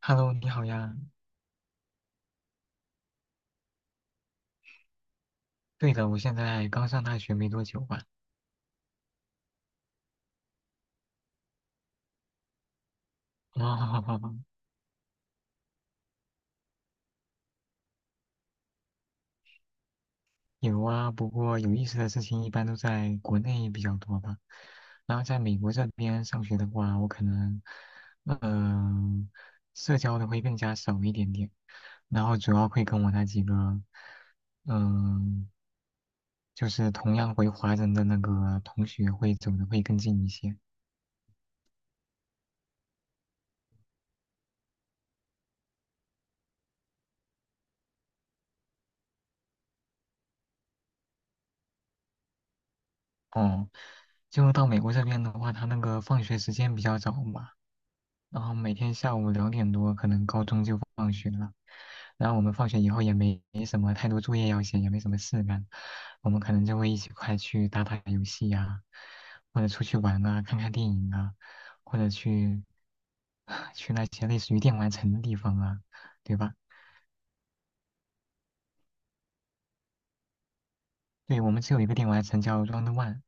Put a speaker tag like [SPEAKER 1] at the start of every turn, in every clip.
[SPEAKER 1] Hello，你好呀。对的，我现在刚上大学没多久吧。啊，哦，有啊，不过有意思的事情一般都在国内比较多吧。然后在美国这边上学的话，我可能，嗯、社交的会更加少一点点。然后主要会跟我那几个，嗯、就是同样回华人的那个同学会走的会更近一些。哦，就到美国这边的话，他那个放学时间比较早嘛。然后每天下午2点多，可能高中就放学了。然后我们放学以后也没什么太多作业要写，也没什么事干，我们可能就会一起快去打打游戏呀、或者出去玩啊，看看电影啊，或者去 去那些类似于电玩城的地方啊，对吧？对，我们只有一个电玩城叫 Round One。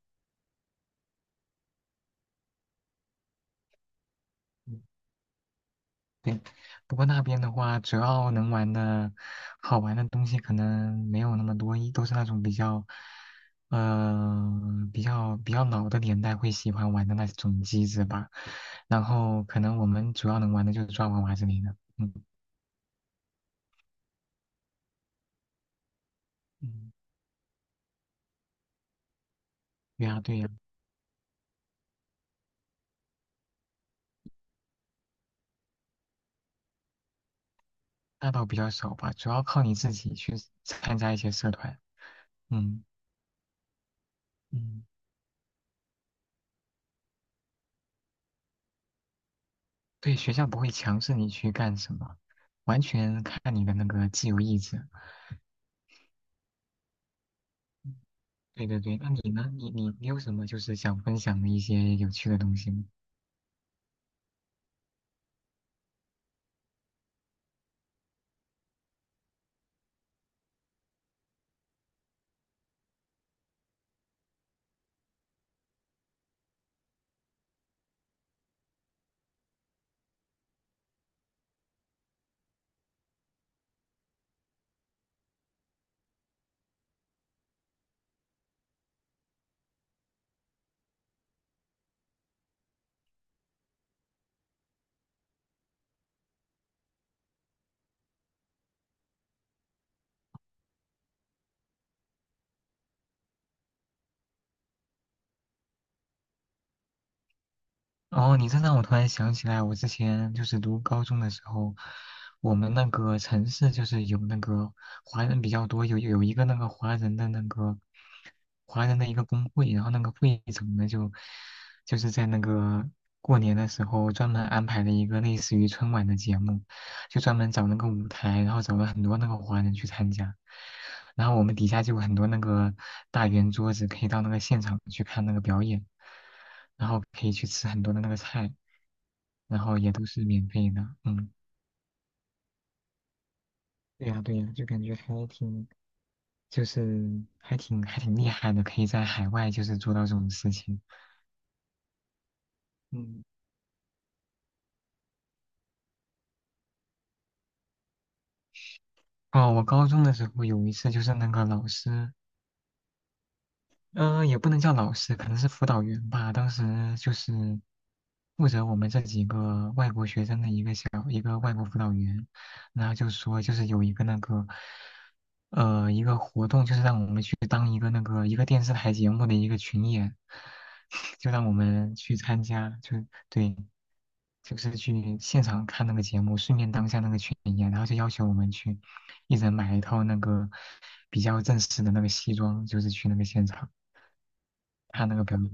[SPEAKER 1] 对，不过那边的话，主要能玩的好玩的东西可能没有那么多，一都是那种比较，呃，比较老的年代会喜欢玩的那种机子吧。然后可能我们主要能玩的就是抓娃娃之类的。嗯嗯，对呀对呀，那倒比较少吧，主要靠你自己去参加一些社团。嗯嗯，对，学校不会强制你去干什么，完全看你的那个自由意志。对对对，那你呢？你有什么就是想分享的一些有趣的东西吗？哦，你这让我突然想起来，我之前就是读高中的时候，我们那个城市就是有那个华人比较多，有一个那个华人的一个工会，然后那个会长呢就是在那个过年的时候专门安排了一个类似于春晚的节目，就专门找那个舞台，然后找了很多那个华人去参加。然后我们底下就有很多那个大圆桌子，可以到那个现场去看那个表演，然后可以去吃很多的那个菜，然后也都是免费的。嗯，对呀对呀，就感觉还挺，就是还挺厉害的，可以在海外就是做到这种事情。嗯，哦，我高中的时候有一次就是那个老师。嗯、也不能叫老师，可能是辅导员吧。当时就是负责我们这几个外国学生的一个小一个外国辅导员，然后就说就是有一个那个一个活动，就是让我们去当一个那个一个电视台节目的一个群演，就让我们去参加，就对，就是去现场看那个节目，顺便当下那个群演，然后就要求我们去一人买一套那个比较正式的那个西装，就是去那个现场。看那个表演。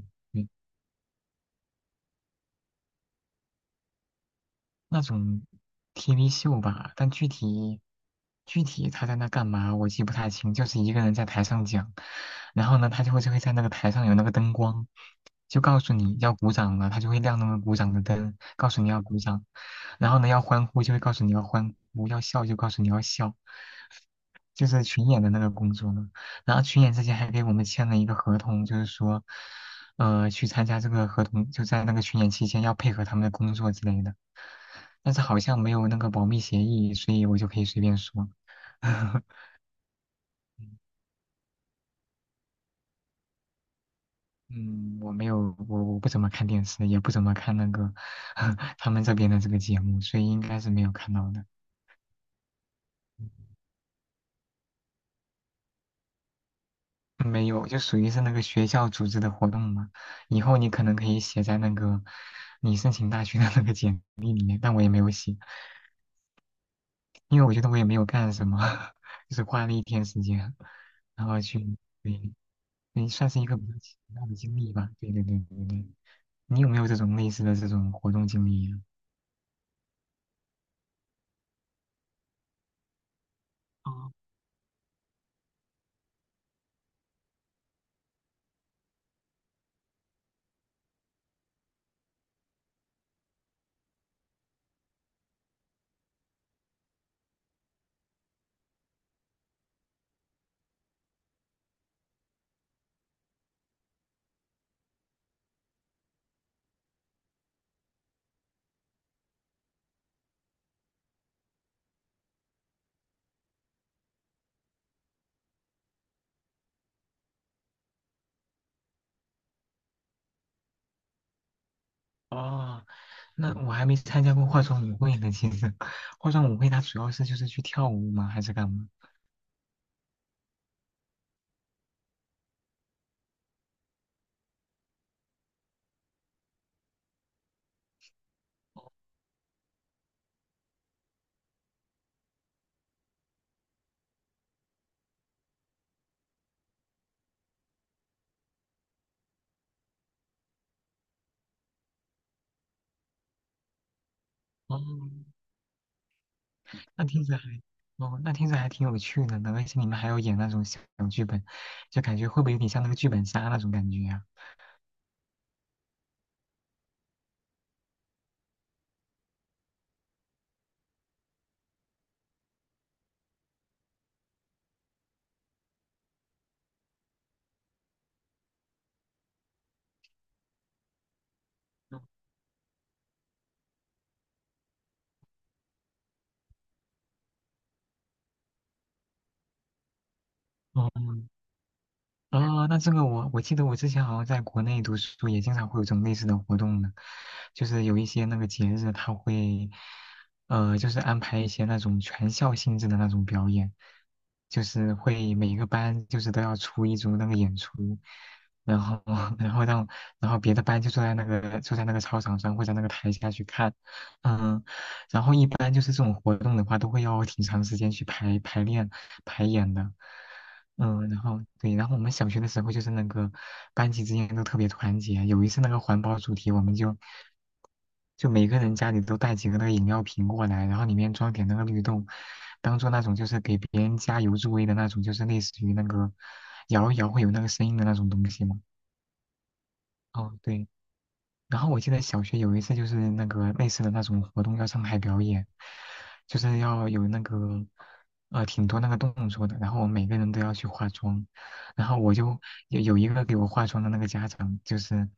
[SPEAKER 1] 那种 TV 秀吧，但具体他在那干嘛，我记不太清，就是一个人在台上讲，然后呢，他就会在那个台上有那个灯光，就告诉你要鼓掌了，他就会亮那个鼓掌的灯，告诉你要鼓掌，然后呢，要欢呼就会告诉你要欢呼，要笑就告诉你要笑，就是群演的那个工作嘛。然后群演之前还给我们签了一个合同，就是说，去参加这个合同，就在那个群演期间要配合他们的工作之类的。但是好像没有那个保密协议，所以我就可以随便说。嗯，我没有，我不怎么看电视，也不怎么看那个 他们这边的这个节目，所以应该是没有看到的。嗯没有，就属于是那个学校组织的活动嘛。以后你可能可以写在那个你申请大学的那个简历里面，但我也没有写，因为我觉得我也没有干什么，就是花了一天时间，然后去，对，也算是一个比较奇妙的经历吧。对对对对对。你有没有这种类似的这种活动经历呀？哦哦，那我还没参加过化妆舞会呢。其实，化妆舞会它主要是就是去跳舞吗？还是干嘛？哦，那听着还，哦，那听着还挺有趣的呢。而且你们还要演那种小剧本，就感觉会不会有点像那个剧本杀那种感觉呀、嗯哦，啊，那这个我记得我之前好像在国内读书也经常会有这种类似的活动呢，就是有一些那个节日他会，就是安排一些那种全校性质的那种表演，就是会每个班就是都要出一组那个演出，然后 然后让然后别的班就坐在那个操场上或者那个台下去看，嗯。然后一般就是这种活动的话，都会要挺长时间去排练、排演的。嗯，然后对，然后我们小学的时候就是那个班级之间都特别团结。有一次那个环保主题，我们就每个人家里都带几个那个饮料瓶过来，然后里面装点那个绿豆，当做那种就是给别人加油助威的那种，就是类似于那个摇一摇会有那个声音的那种东西嘛。哦，对。然后我记得小学有一次就是那个类似的那种活动要上台表演，就是要有那个挺多那个动作的，然后我们每个人都要去化妆，然后我就有一个给我化妆的那个家长就是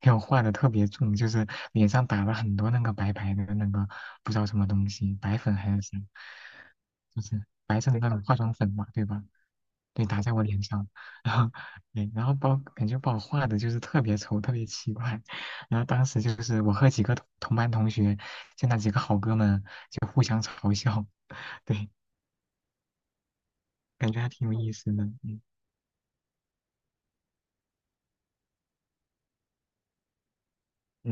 [SPEAKER 1] 给我化的特别重，就是脸上打了很多那个白白的那个不知道什么东西，白粉还是啥，就是白色的那种化妆粉嘛，对吧？对，打在我脸上，然后对，然后把我感觉把我画的就是特别丑，特别奇怪。然后当时就是我和几个同班同学，就那几个好哥们就互相嘲笑，对，感觉还挺有意思的。嗯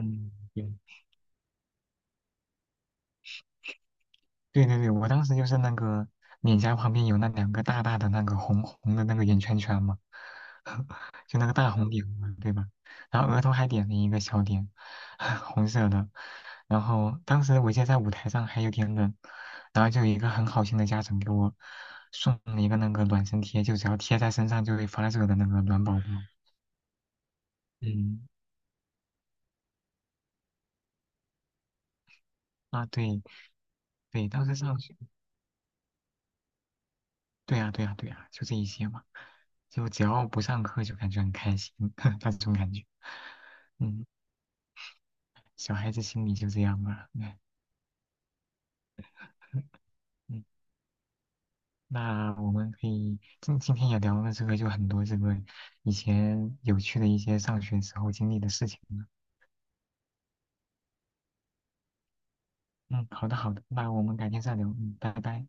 [SPEAKER 1] 嗯，对对对对，我当时就是那个脸颊旁边有那两个大大的那个红红的那个圆圈圈嘛，就那个大红点嘛，对吧？然后额头还点了一个小点，红色的。然后当时我记得在舞台上还有点冷，然后就有一个很好心的家长给我送了一个那个暖身贴，就只要贴在身上就会发热的那个暖宝宝。嗯，啊对对，当时上学。对呀，对呀，对呀，就这一些嘛，就只要不上课就感觉很开心，那种感觉。嗯，小孩子心里就这样吧。嗯，那我们可以今天也聊了这个，就很多这个以前有趣的一些上学时候经历的事情了。嗯，好的，好的，那我们改天再聊。嗯，拜拜。